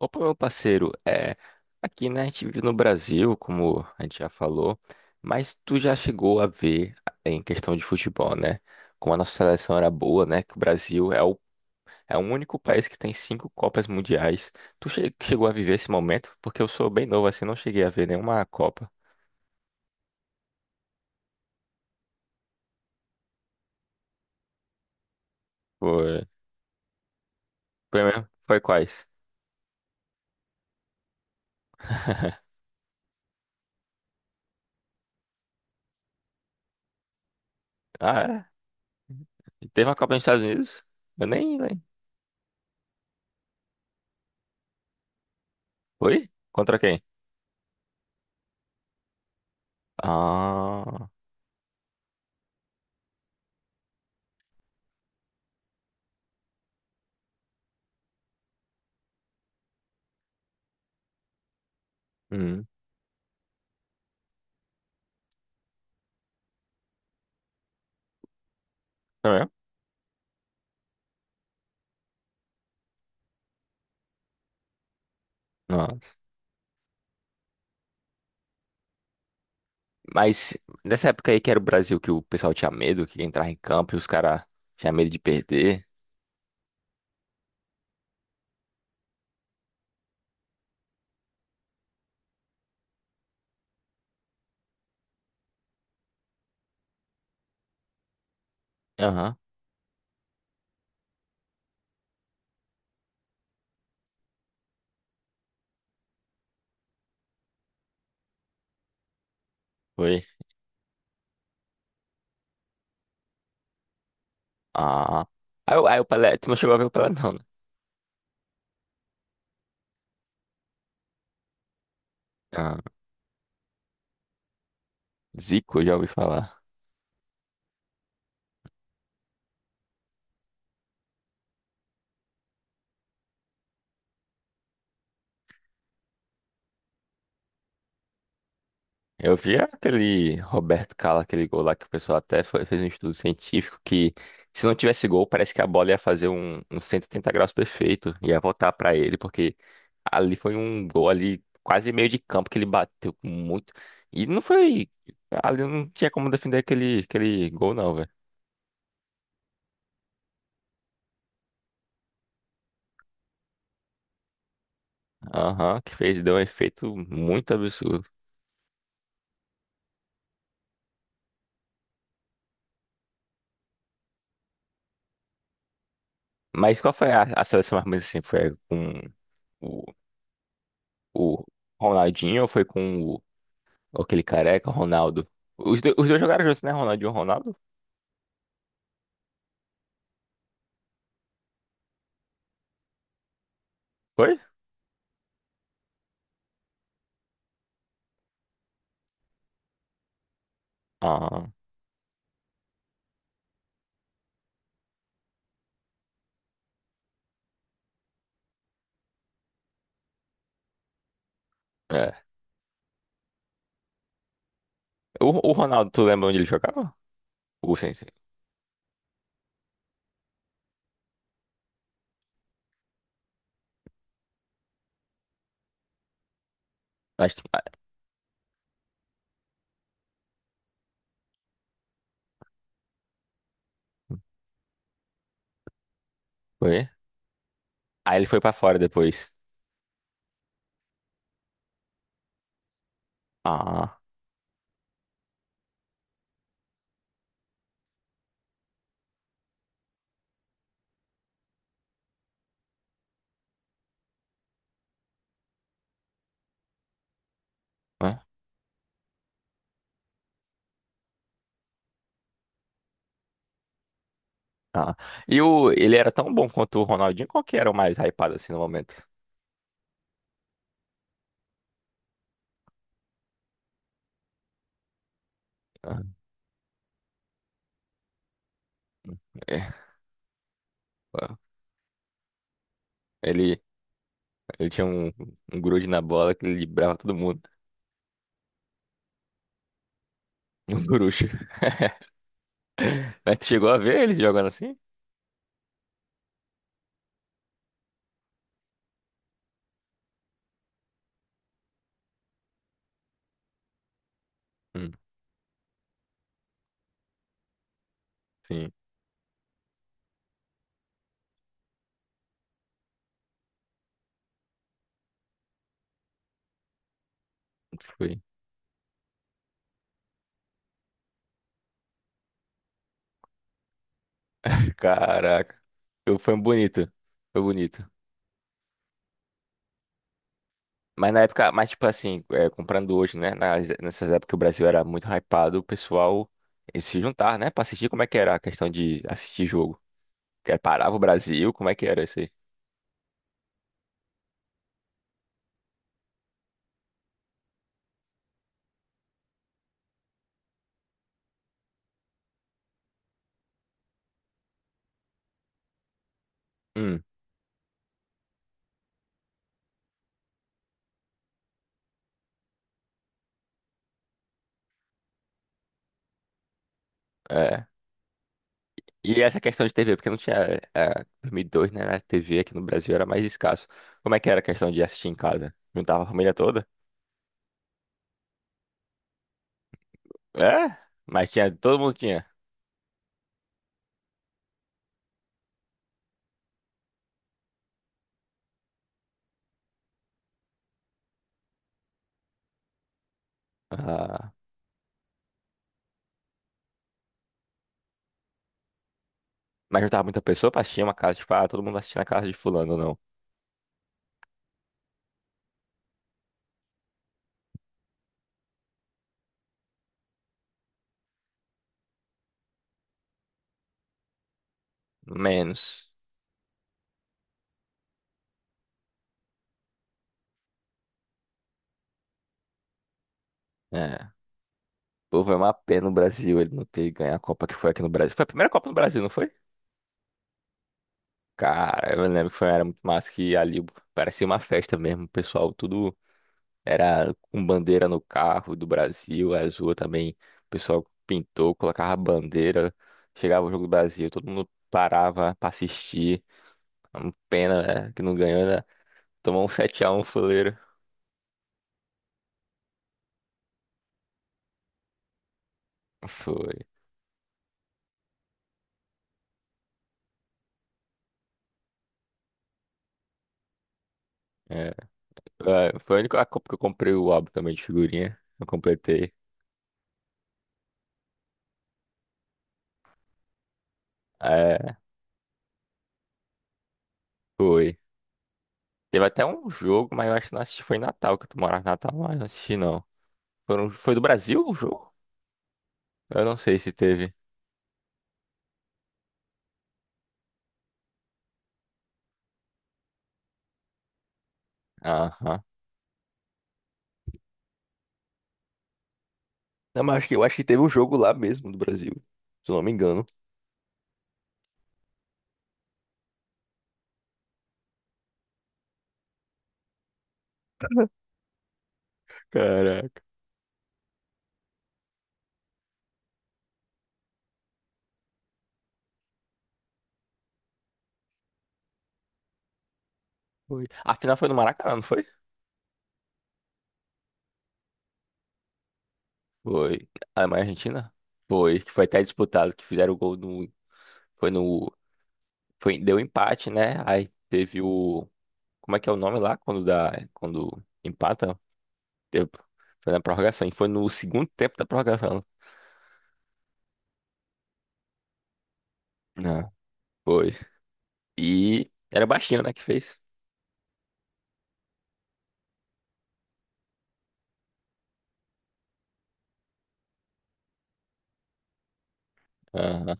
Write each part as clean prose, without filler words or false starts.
Opa, meu parceiro, aqui, né, a gente vive no Brasil, como a gente já falou, mas tu já chegou a ver em questão de futebol, né, como a nossa seleção era boa, né, que o Brasil é é o único país que tem 5 Copas Mundiais. Chegou a viver esse momento? Porque eu sou bem novo, assim, não cheguei a ver nenhuma Copa. Foi, foi mesmo? Foi quais? Ah, é? Teve uma Copa nos Estados Unidos? Eu nem. Foi? Contra quem? Ah, hum, foi mesmo? Nossa. Mas nessa época aí que era o Brasil que o pessoal tinha medo, que entrava em campo e os caras tinham medo de perder. Aham, foi. Ah. Aí, o Pelé, tu não chegou a ver o Pelé não, né? Ah, Zico, eu já ouvi falar. Eu vi aquele Roberto Carlos, aquele gol lá que o pessoal até fez um estudo científico que, se não tivesse gol, parece que a bola ia fazer um, um 180 graus perfeito, ia voltar pra ele, porque ali foi um gol ali, quase meio de campo, que ele bateu com muito. E não foi. Ali não tinha como defender aquele, aquele gol, não, velho. Aham, que fez, deu um efeito muito absurdo. Mas qual foi a seleção mais ou menos assim? Foi com o, o Ronaldinho ou foi com o, aquele careca, o Ronaldo? Os, os dois jogaram juntos, né? Ronaldinho e Ronaldo? Foi? Ah, é. O Ronaldo, tu lembra onde ele jogava? O, sim, sim. Acho que ah, foi. Aí ele foi pra fora depois. Ah. É. Ah, e o, ele era tão bom quanto o Ronaldinho? Qual que era o mais hypado assim no momento? Ah, é, ó, ele, ele tinha um, um grude na bola que ele librava todo mundo. Um grucho. Mas tu chegou a ver eles jogando assim? Hum, sim, foi. Caraca. Foi um bonito. Foi bonito. Mas na época, mas tipo assim, é, comprando hoje, né? Nessas épocas que o Brasil era muito hypado, o pessoal eles se juntar, né? Pra assistir, como é que era a questão de assistir jogo? Que parava o Brasil, como é que era isso aí? Hum. É. E essa questão de TV, porque não tinha. É, 2002, né? A TV aqui no Brasil era mais escasso. Como é que era a questão de assistir em casa? Juntava a família toda? É? Mas tinha. Todo mundo tinha. Ah, mas juntava muita pessoa pra assistir uma casa, tipo, ah, todo mundo assistia na casa de fulano, não. Menos. É. Pô, foi uma pena o Brasil ele não ter ganho a Copa que foi aqui no Brasil. Foi a primeira Copa no Brasil, não foi? Cara, eu lembro que foi, era muito massa, que ali parecia uma festa mesmo. O pessoal tudo. Era com bandeira no carro do Brasil, azul também. O pessoal pintou, colocava bandeira. Chegava o jogo do Brasil, todo mundo parava pra assistir. É uma pena, né, que não ganhou, né? Tomou um 7x1 fuleiro. Foi. É. É, foi a única Copa que eu comprei o álbum também de figurinha. Eu completei. É, foi. Teve até um jogo, mas eu acho que não assisti. Foi em Natal, que tu morava em Natal, mas não assisti não. Foi do Brasil o jogo? Eu não sei se teve. Aham. Não, mas acho que, eu acho que teve um jogo lá mesmo do Brasil, se eu não me engano. Caraca. Foi. A final foi no Maracanã, não foi? Foi. Alemanha e Argentina? Foi, que foi até disputado, que fizeram o gol no. Foi no. Foi, deu empate, né? Aí teve o. Como é que é o nome lá? Quando dá. Quando empata? Teve- Foi na prorrogação. E foi no segundo tempo da prorrogação. Não. Foi. E era o Baixinho, né, que fez. Aham.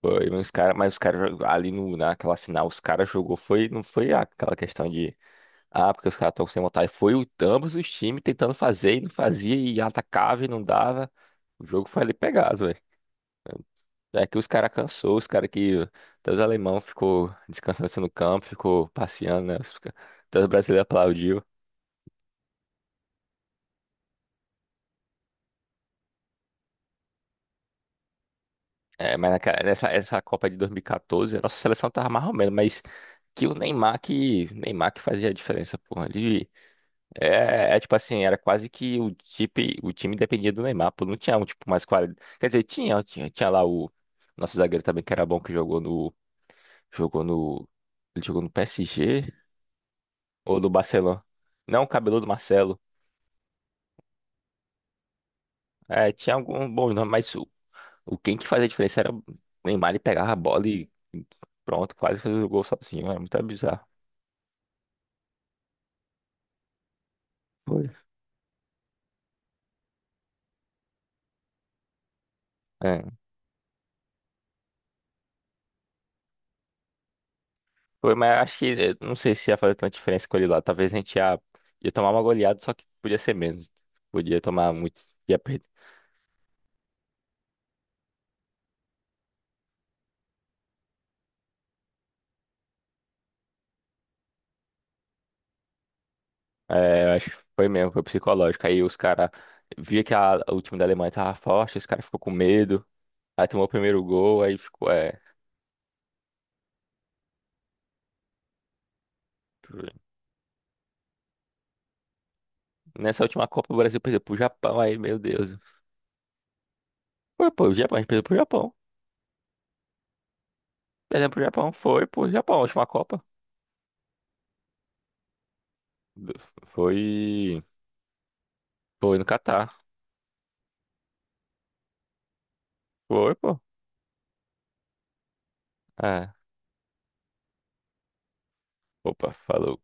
Foi. Mas os caras ali no, naquela final, os caras jogou. Foi, não foi aquela questão de. Ah, porque os caras estão sem vontade. Foi o, ambos os times tentando fazer e não fazia, e atacava e não dava. O jogo foi ali pegado, velho. É que os caras cansou, os caras que. Até os alemão ficou descansando assim no campo, ficou passeando, né? Até os brasileiros aplaudiu. É, mas nessa essa Copa de 2014, a nossa seleção tava mais ou menos, mas que o Neymar que. Neymar que fazia a diferença, porra. Ele, é, é tipo assim, era quase que o time dependia do Neymar, pô, não tinha um tipo mais qualidade. Quer dizer, tinha lá o nosso zagueiro também que era bom que jogou no ele jogou no PSG ou no Barcelona. Não, o cabeludo Marcelo. É, tinha algum bom nome, mas o quem que fazia a diferença era o Neymar, ele pegava a bola e pronto, quase fez o gol sozinho, era muito bizarro. Foi. É. Foi, mas acho que não sei se ia fazer tanta diferença com ele lá. Talvez a gente ia, ia tomar uma goleada, só que podia ser menos. Podia tomar muito, ia perder. É, eu acho que foi mesmo, foi psicológico. Aí os caras via que o time da Alemanha tava forte, os caras ficou com medo. Aí tomou o primeiro gol, aí ficou, é. Nessa última Copa o Brasil perdeu pro Japão, aí, meu Deus. Foi, pô, o Japão, a gente perdeu pro Japão. Perdemos pro Japão, foi pro Japão, a última Copa. Foi. Foi no Catar. Foi, pô. É. Opa, falou.